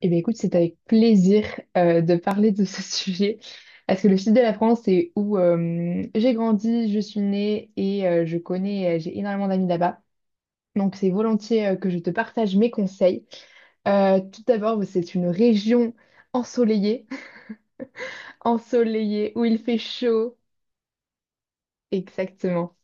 Eh bien, écoute, c'est avec plaisir de parler de ce sujet. Parce que le sud de la France, c'est où j'ai grandi, je suis née et je connais, j'ai énormément d'amis là-bas. Donc, c'est volontiers que je te partage mes conseils. Tout d'abord, bah, c'est une région ensoleillée, ensoleillée, où il fait chaud. Exactement.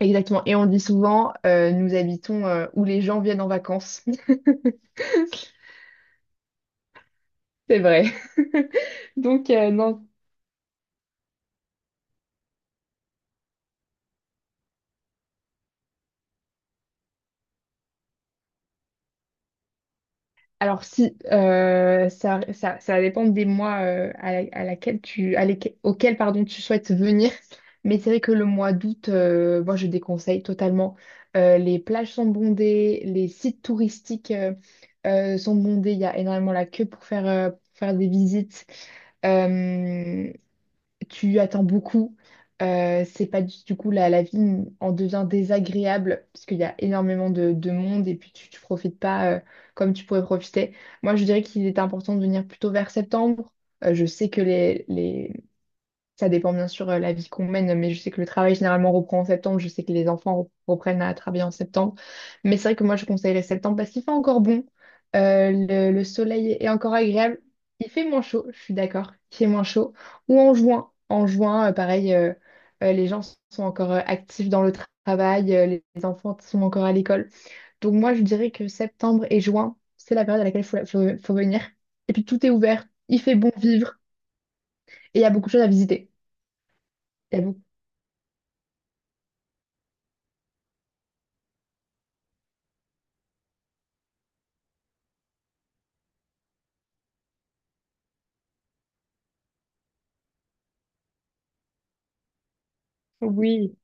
Exactement. Et on dit souvent, nous habitons où les gens viennent en vacances. C'est vrai. Donc, non. Alors si ça, ça va dépendre des mois à laquelle tu, auquel pardon, tu souhaites venir. Mais c'est vrai que le mois d'août, moi je déconseille totalement. Les plages sont bondées, les sites touristiques sont bondés. Il y a énormément la queue pour faire des visites. Euh, Tu attends beaucoup. C'est pas du coup la vie en devient désagréable parce qu'il y a énormément de monde et puis tu profites pas comme tu pourrais profiter. Moi, je dirais qu'il est important de venir plutôt vers septembre. Je sais que les, ça dépend bien sûr la vie qu'on mène, mais je sais que le travail généralement reprend en septembre. Je sais que les enfants reprennent à travailler en septembre. Mais c'est vrai que moi, je conseillerais septembre parce qu'il fait encore bon. Le soleil est encore agréable. Il fait moins chaud, je suis d'accord. Il fait moins chaud. Ou en juin. En juin, pareil, les gens sont encore actifs dans le travail, les enfants sont encore à l'école. Donc moi, je dirais que septembre et juin, c'est la période à laquelle il faut venir. Et puis tout est ouvert, il fait bon vivre et il y a beaucoup de choses à visiter. Oui,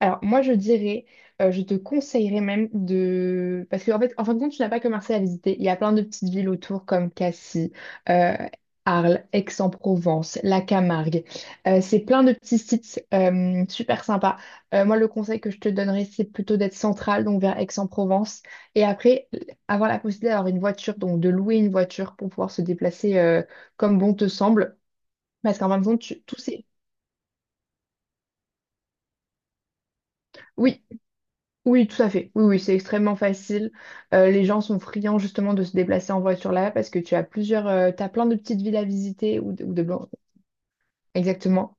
alors moi je dirais, je te conseillerais même de... Parce qu'en fait, en fin de compte, tu n'as pas que Marseille à visiter. Il y a plein de petites villes autour comme Cassis, euh, Arles, Aix-en-Provence, la Camargue. C'est plein de petits sites super sympas. Moi, le conseil que je te donnerais, c'est plutôt d'être central, donc vers Aix-en-Provence. Et après, avoir la possibilité d'avoir une voiture, donc de louer une voiture pour pouvoir se déplacer comme bon te semble. Parce qu'en fin de compte, tous ces... Oui, oui, tout à fait. Oui, oui, c'est extrêmement facile. Les gens sont friands justement de se déplacer en voiture là parce que tu as plein de petites villes à visiter. Exactement.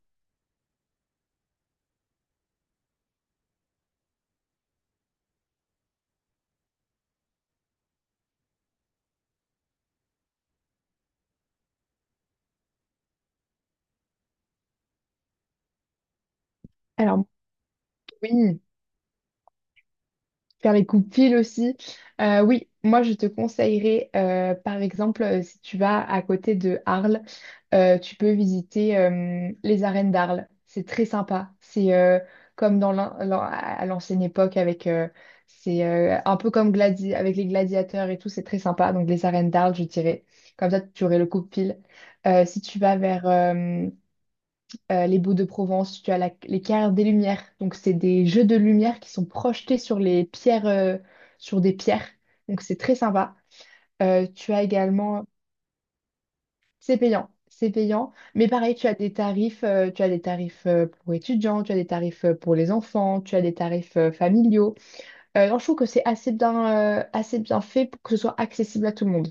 Alors, oui. Faire les coups pile aussi. Oui, moi je te conseillerais, par exemple, si tu vas à côté de Arles, tu peux visiter les arènes d'Arles. C'est très sympa. C'est comme dans à l'ancienne époque c'est un peu comme gladi avec les gladiateurs et tout. C'est très sympa. Donc les arènes d'Arles, je dirais. Comme ça, tu aurais le coup pile. Si tu vas vers les baux de Provence, tu as les carrières des lumières. Donc, c'est des jeux de lumière qui sont projetés sur des pierres. Donc, c'est très sympa. Tu as également, c'est payant, c'est payant. Mais pareil, tu as des tarifs pour étudiants, tu as des tarifs pour les enfants, tu as des tarifs familiaux. Non, je trouve que c'est assez bien fait pour que ce soit accessible à tout le monde.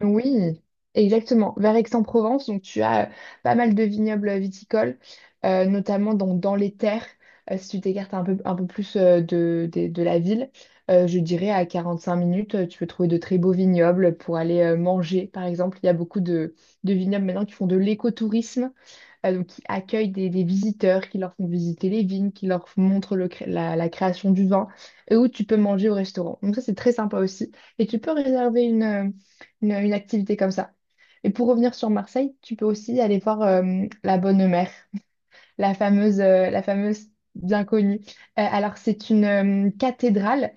Oui, exactement. Vers Aix-en-Provence, donc tu as pas mal de vignobles viticoles, notamment donc dans les terres. Si tu t'écartes un peu plus de la ville, je dirais à 45 minutes, tu peux trouver de très beaux vignobles pour aller manger, par exemple. Il y a beaucoup de vignobles maintenant qui font de l'écotourisme donc qui accueillent des visiteurs, qui leur font visiter les vignes, qui leur montrent la création du vin, et où tu peux manger au restaurant. Donc ça, c'est très sympa aussi. Et tu peux réserver une activité comme ça. Et pour revenir sur Marseille, tu peux aussi aller voir la Bonne Mère, la fameuse bien connue. Alors c'est une cathédrale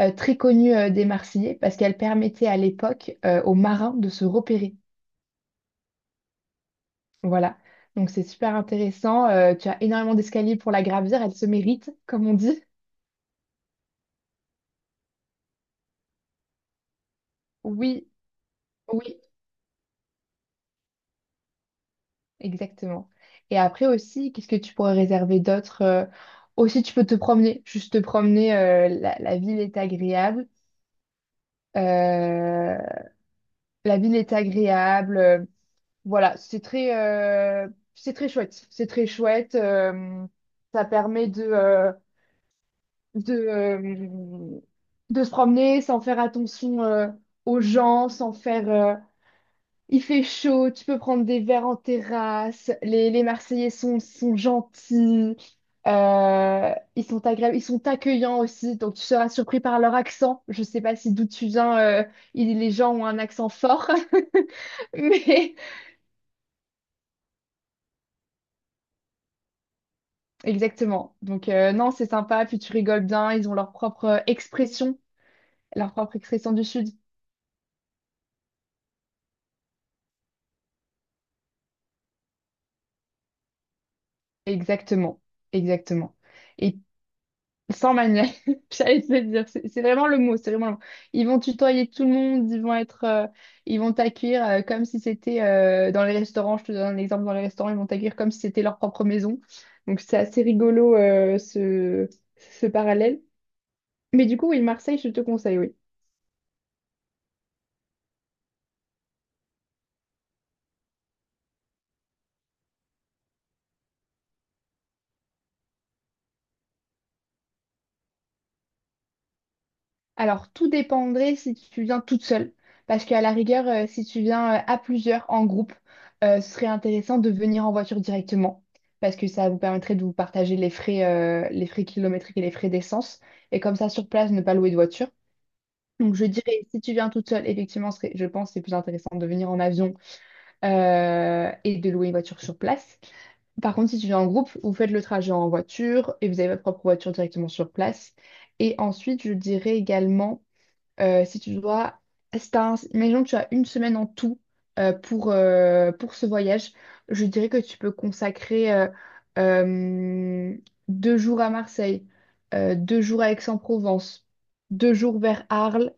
très connue des Marseillais parce qu'elle permettait à l'époque aux marins de se repérer. Voilà. Donc c'est super intéressant. Tu as énormément d'escaliers pour la gravir. Elle se mérite, comme on dit. Oui, oui, exactement. Et après aussi, qu'est-ce que tu pourrais réserver d'autre? Aussi, tu peux te promener. Juste te promener. La ville est agréable. Euh, la ville est agréable. Voilà, c'est très chouette. C'est très chouette. Ça permet de, euh, de se promener sans faire attention aux gens, sans faire... il fait chaud, tu peux prendre des verres en terrasse, les Marseillais sont gentils, ils sont agréables, ils sont accueillants aussi, donc tu seras surpris par leur accent. Je sais pas si d'où tu viens, les gens ont un accent fort, mais exactement. Donc non, c'est sympa, puis tu rigoles bien, ils ont leur propre expression du Sud. Exactement, exactement. Et sans manuel, j'allais te le dire, c'est vraiment le mot, c'est vraiment le mot. Ils vont tutoyer tout le monde, ils vont t'accueillir comme si c'était dans les restaurants. Je te donne un exemple dans les restaurants, ils vont t'accueillir comme si c'était leur propre maison. Donc c'est assez rigolo ce parallèle. Mais du coup, oui, Marseille, je te conseille, oui. Alors, tout dépendrait si tu viens toute seule, parce qu'à la rigueur, si tu viens à plusieurs en groupe, ce serait intéressant de venir en voiture directement, parce que ça vous permettrait de vous partager les frais kilométriques et les frais d'essence, et comme ça, sur place, ne pas louer de voiture. Donc, je dirais, si tu viens toute seule, effectivement, je pense que c'est plus intéressant de venir en avion et de louer une voiture sur place. Par contre, si tu viens en groupe, vous faites le trajet en voiture et vous avez votre propre voiture directement sur place. Et ensuite, je dirais également... si tu dois, si t'as un- Imaginons que tu as une semaine en tout pour ce voyage, je dirais que tu peux consacrer euh, deux jours à Marseille, deux jours à Aix-en-Provence, deux jours vers Arles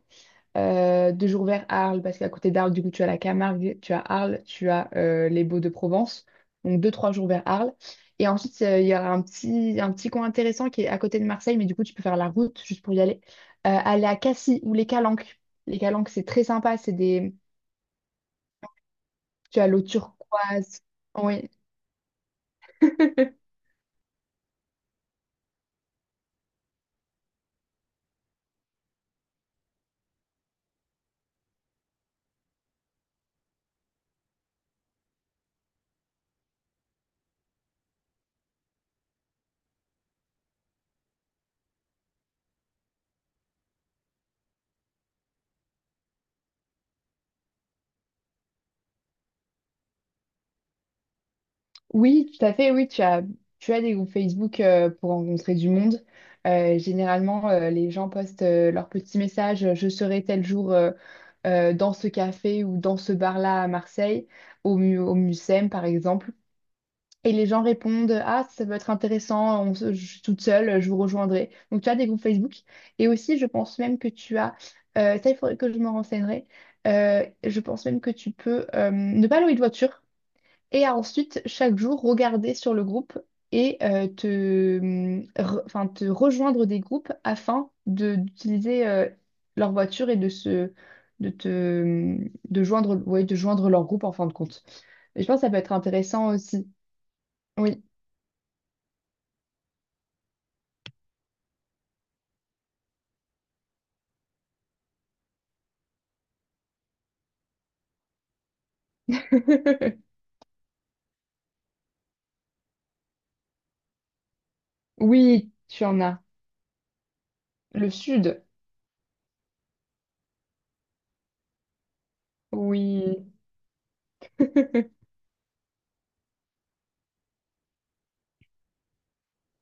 deux jours vers Arles, parce qu'à côté d'Arles, du coup, tu as la Camargue, tu as Arles, tu as les Baux de Provence. Donc, deux, trois jours vers Arles. Et ensuite, il y aura un petit coin intéressant qui est à côté de Marseille, mais du coup, tu peux faire la route juste pour y aller. Aller à Cassis ou les Calanques. Les Calanques, c'est très sympa. C'est des... Tu as l'eau turquoise. Oui. Oui, tout à fait. Oui, tu as des groupes Facebook pour rencontrer du monde. Généralement, les gens postent leurs petits messages, je serai tel jour dans ce café ou dans ce bar-là à Marseille, au Mucem par exemple. Et les gens répondent, ah, ça peut être intéressant, je suis toute seule, je vous rejoindrai. Donc tu as des groupes Facebook. Et aussi, je pense même que tu as, ça il faudrait que je me renseignerai. Je pense même que tu peux, ne pas louer de voiture. Et à ensuite, chaque jour, regarder sur le groupe et enfin, te rejoindre des groupes afin de d'utiliser leur voiture et de se de te de joindre ouais, de joindre leur groupe en fin de compte. Et je pense que ça peut être intéressant aussi. Oui. Oui, tu en as. Le sud. Oui.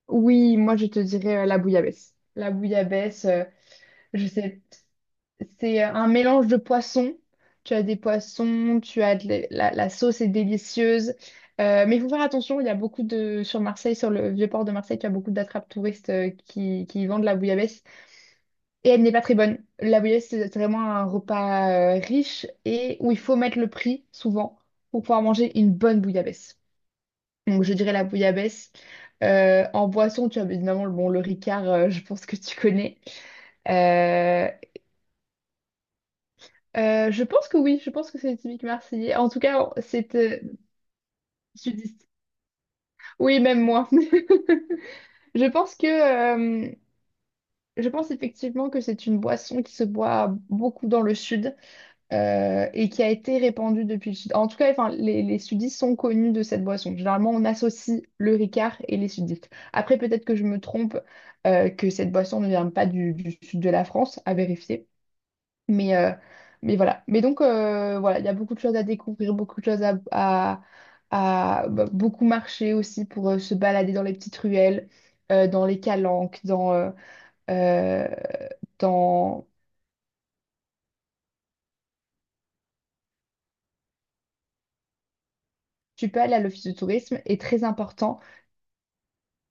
Oui, moi je te dirais la bouillabaisse. La bouillabaisse, je sais. C'est un mélange de poissons. Tu as des poissons, tu as la sauce est délicieuse. Mais il faut faire attention, il y a beaucoup de... Sur Marseille, sur le vieux port de Marseille, tu as beaucoup d'attrapes touristes qui vendent la bouillabaisse. Et elle n'est pas très bonne. La bouillabaisse, c'est vraiment un repas riche et où il faut mettre le prix, souvent, pour pouvoir manger une bonne bouillabaisse. Donc je dirais la bouillabaisse. En boisson, tu as évidemment bon, le Ricard, je pense que tu connais. Euh, je pense que oui, je pense que c'est typique marseillais. En tout cas, c'est sudiste. Oui, même moi. Je pense que, euh, je pense effectivement que c'est une boisson qui se boit beaucoup dans le sud et qui a été répandue depuis le sud. En tout cas, enfin, les sudistes sont connus de cette boisson. Généralement, on associe le Ricard et les sudistes. Après, peut-être que je me trompe, que cette boisson ne vient pas du sud de la France, à vérifier. Mais, euh, mais voilà. Mais donc, voilà, il y a beaucoup de choses à découvrir, beaucoup de choses bah, beaucoup marcher aussi pour se balader dans les petites ruelles, dans les calanques, euh, dans... Tu peux aller à l'office de tourisme et très important,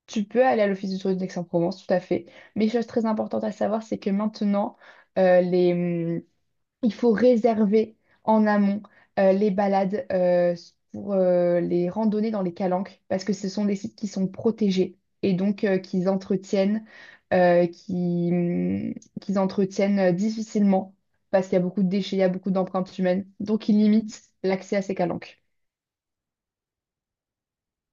tu peux aller à l'office de tourisme d'Aix-en-Provence, tout à fait. Mais chose très importante à savoir, c'est que maintenant, les il faut réserver en amont les balades pour les randonnées dans les calanques parce que ce sont des sites qui sont protégés et donc euh, qui, hum, qu'ils entretiennent difficilement parce qu'il y a beaucoup de déchets, il y a beaucoup d'empreintes humaines. Donc, ils limitent l'accès à ces calanques.